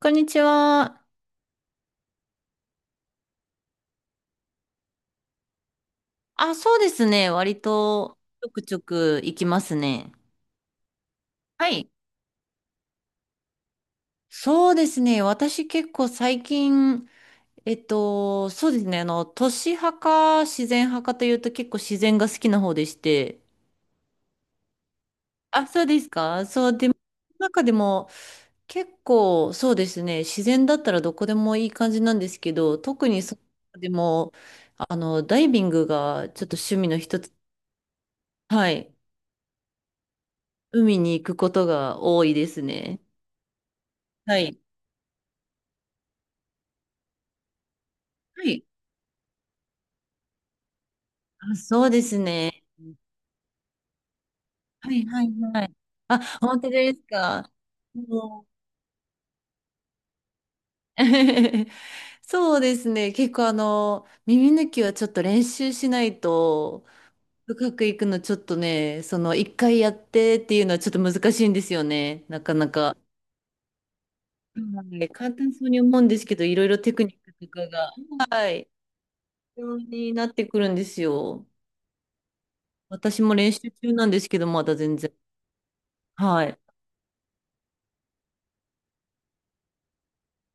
こんにちは。あ、そうですね。割と、ちょくちょく行きますね。はい。そうですね。私結構最近、そうですね。都市派か自然派かというと結構自然が好きな方でして。あ、そうですか。そう、で、中でも結構そうですね。自然だったらどこでもいい感じなんですけど、特にそ、でも、ダイビングがちょっと趣味の一つ。はい。海に行くことが多いですね。はい。はい。あ、そうですね。はい、はい、はい。あ、本当ですか。もう そうですね。結構耳抜きはちょっと練習しないと、深く行くのちょっとね、その一回やってっていうのはちょっと難しいんですよね。なかなか。はい、簡単そうに思うんですけど、いろいろテクニックとかが、はい、必要になってくるんですよ。私も練習中なんですけど、まだ全然。はい。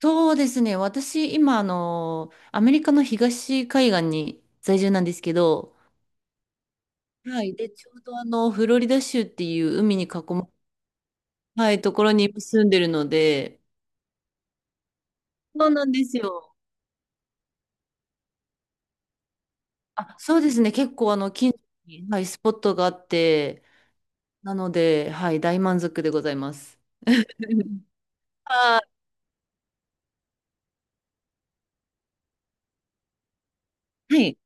そうですね。私、今、アメリカの東海岸に在住なんですけど、はい。で、ちょうどフロリダ州っていう海に囲ま、はい、ところに今住んでるので、そうなんですよ。あ、そうですね。結構、近所に、はい、スポットがあって、なので、はい、大満足でございます。あー、はい。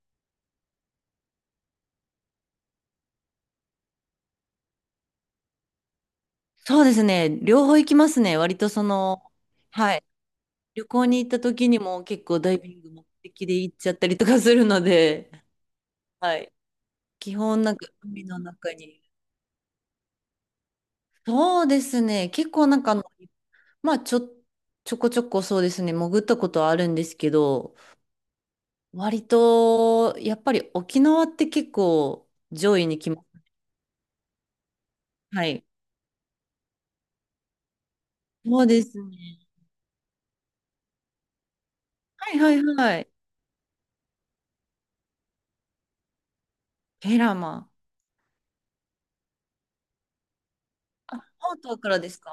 そうですね。両方行きますね。割とその、はい。旅行に行った時にも結構ダイビング目的で行っちゃったりとかするので、はい。基本なんか海の中に。そうですね。結構なんかまあちょ、ちょこちょこそうですね。潜ったことはあるんですけど、割とやっぱり沖縄って結構上位に来ます。はい。そうですね。はいはいはい。ペラマ。あ、本島からですか？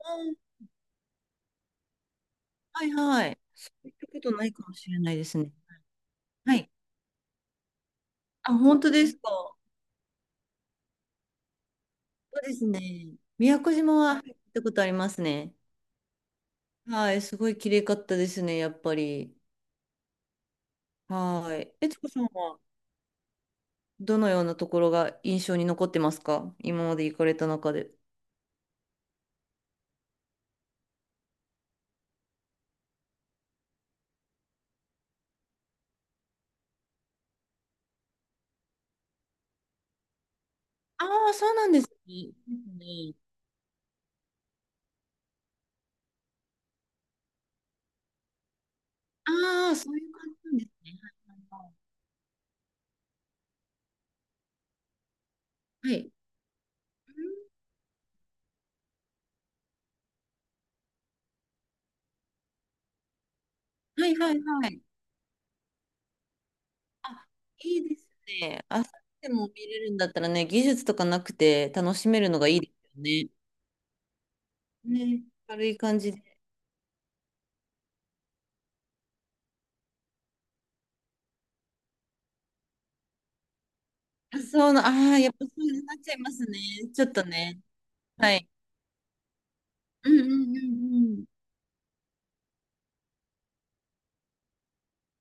うん、はいはい。そういったことないかもしれないですね。はい。あ、本当ですか。そうですね。宮古島は、はい、行ったことありますね。はい、すごい綺麗かったですね、やっぱり。はい。えつこさんはどのようなところが印象に残ってますか？今まで行かれた中で。ああ、そうなんですね。ですね。ああ、そういう感じなんですね。はい。はいはいはいはい。あ、いいですね。あ、そう。でも見れるんだったらね、技術とかなくて楽しめるのがいいですよね。ね、軽い感じで。あそうな、ああ、やっぱそうなっちゃいますね。ちょっとね。はい。うんうんうんうん。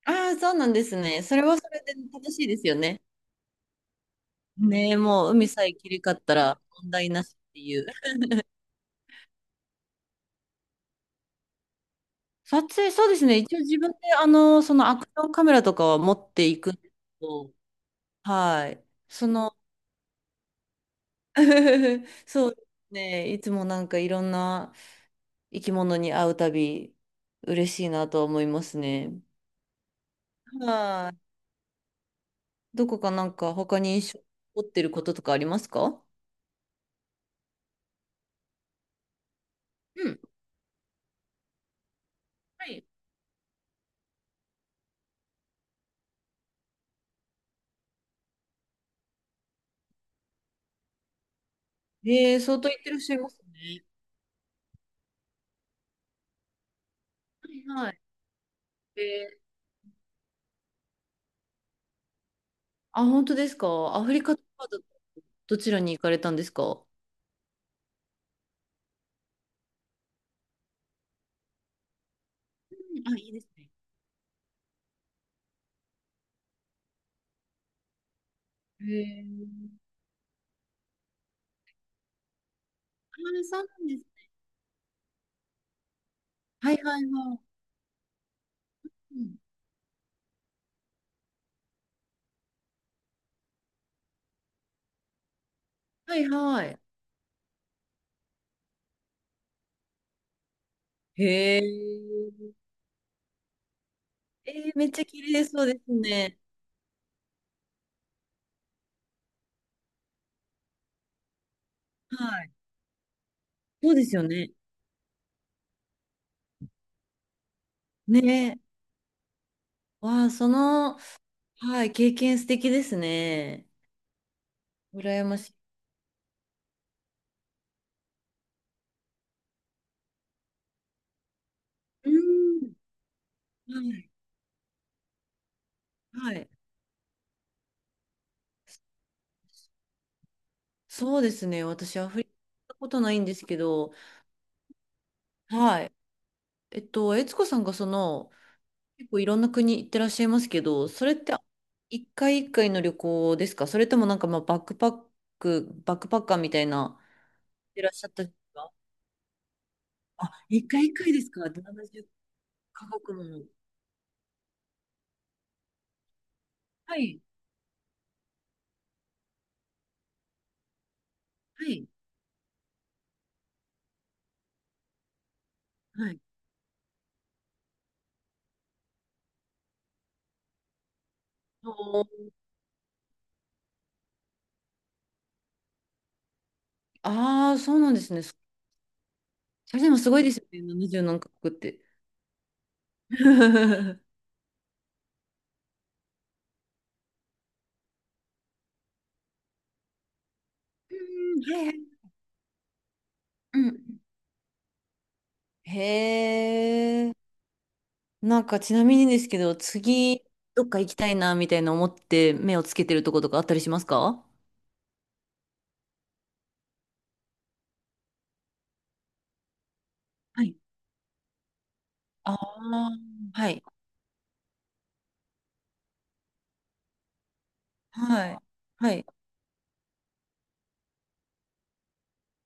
ああ、そうなんですね。それはそれで楽しいですよね。ねえ、もう海さえ切り替わったら問題なしっていう。撮影、そうですね。一応自分で、そのアクションカメラとかは持っていくんですけど、はい。その、そうですね。いつもなんかいろんな生き物に会うたび、嬉しいなと思いますね。はい。どこかなんか他に印象に残ってることとかありますか？うん。はい。えー相当行ってらっしゃいますね。はいはい。えーあ、本当ですか。アフリカとかだとどちらに行かれたんですか？うん。あ、いいですね。へえ。あー、そうなんです。はいはいはい。うん。はいはい。へえ。めっちゃ綺麗そうですね。はい。そうですよね。ねえ。わあ、その、はい、経験素敵ですね。羨ましい。うん。はいはい。そうですね。私、アフリカ行ったことないんですけど、はい。悦子さんがその、結構いろんな国行ってらっしゃいますけど、それって一回一回の旅行ですか？それともなんかまあバックパッカーみたいな、いらっしゃったんですか？あ、一回一回ですか ?70 カ国も。はい。はい。はい。ああー、そうなんですね。それでもすごいですよね。70何カ国って。うん、はいはい。うん。へえ。なんかちなみにですけど、次、どっか行きたいな、みたいな思って目をつけてるとことかあったりしますか？はい。ああ、はい。はい。はい。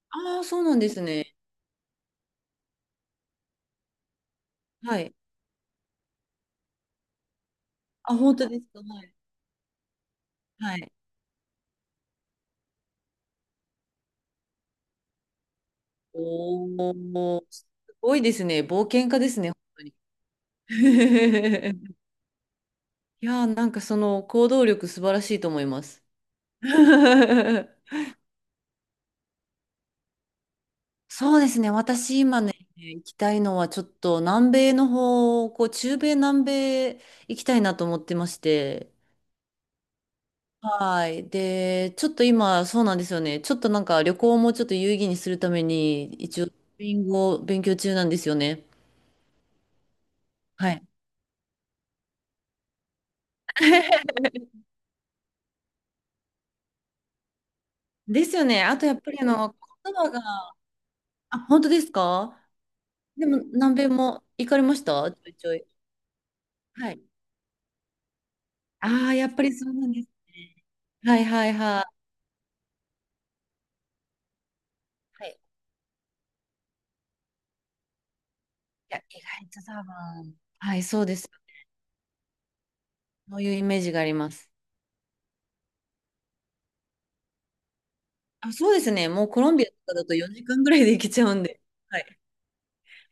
ああ、そうなんですね。はい。あ、本当ですか。はい。はい。おお、すごいですね。冒険家ですね、本当に。いやー、なんかその行動力素晴らしいと思います。そうですね。私今ね、行きたいのはちょっと南米の方、こう中米南米行きたいなと思ってまして。はい。で、ちょっと今、そうなんですよね。ちょっとなんか旅行もちょっと有意義にするために、一応、スペイン語を勉強中なんですよね。はい。ですよね。あとやっぱり言葉が、あ、本当ですか？でも南米も行かれました？ちょいちょい。はい。ああ、やっぱりそうなんですね。はいはいはい。はい。いや、意外と多分。はい、そうです。そういうイメージがあります。あ、そうですね。もうコロンビアとかだと4時間ぐらいで行けちゃうんで。はい。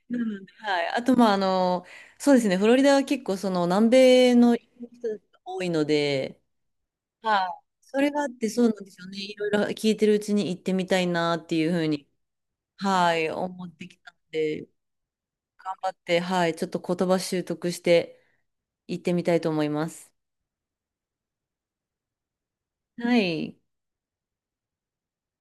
なので、はい。あと、まあ、そうですね。フロリダは結構、その、南米の人たちが多いので、はい。それがあって、そうなんですよね。いろいろ聞いてるうちに行ってみたいなっていうふうに、はい、思ってきたので、頑張って、はい。ちょっと言葉習得して行ってみたいと思います。はい。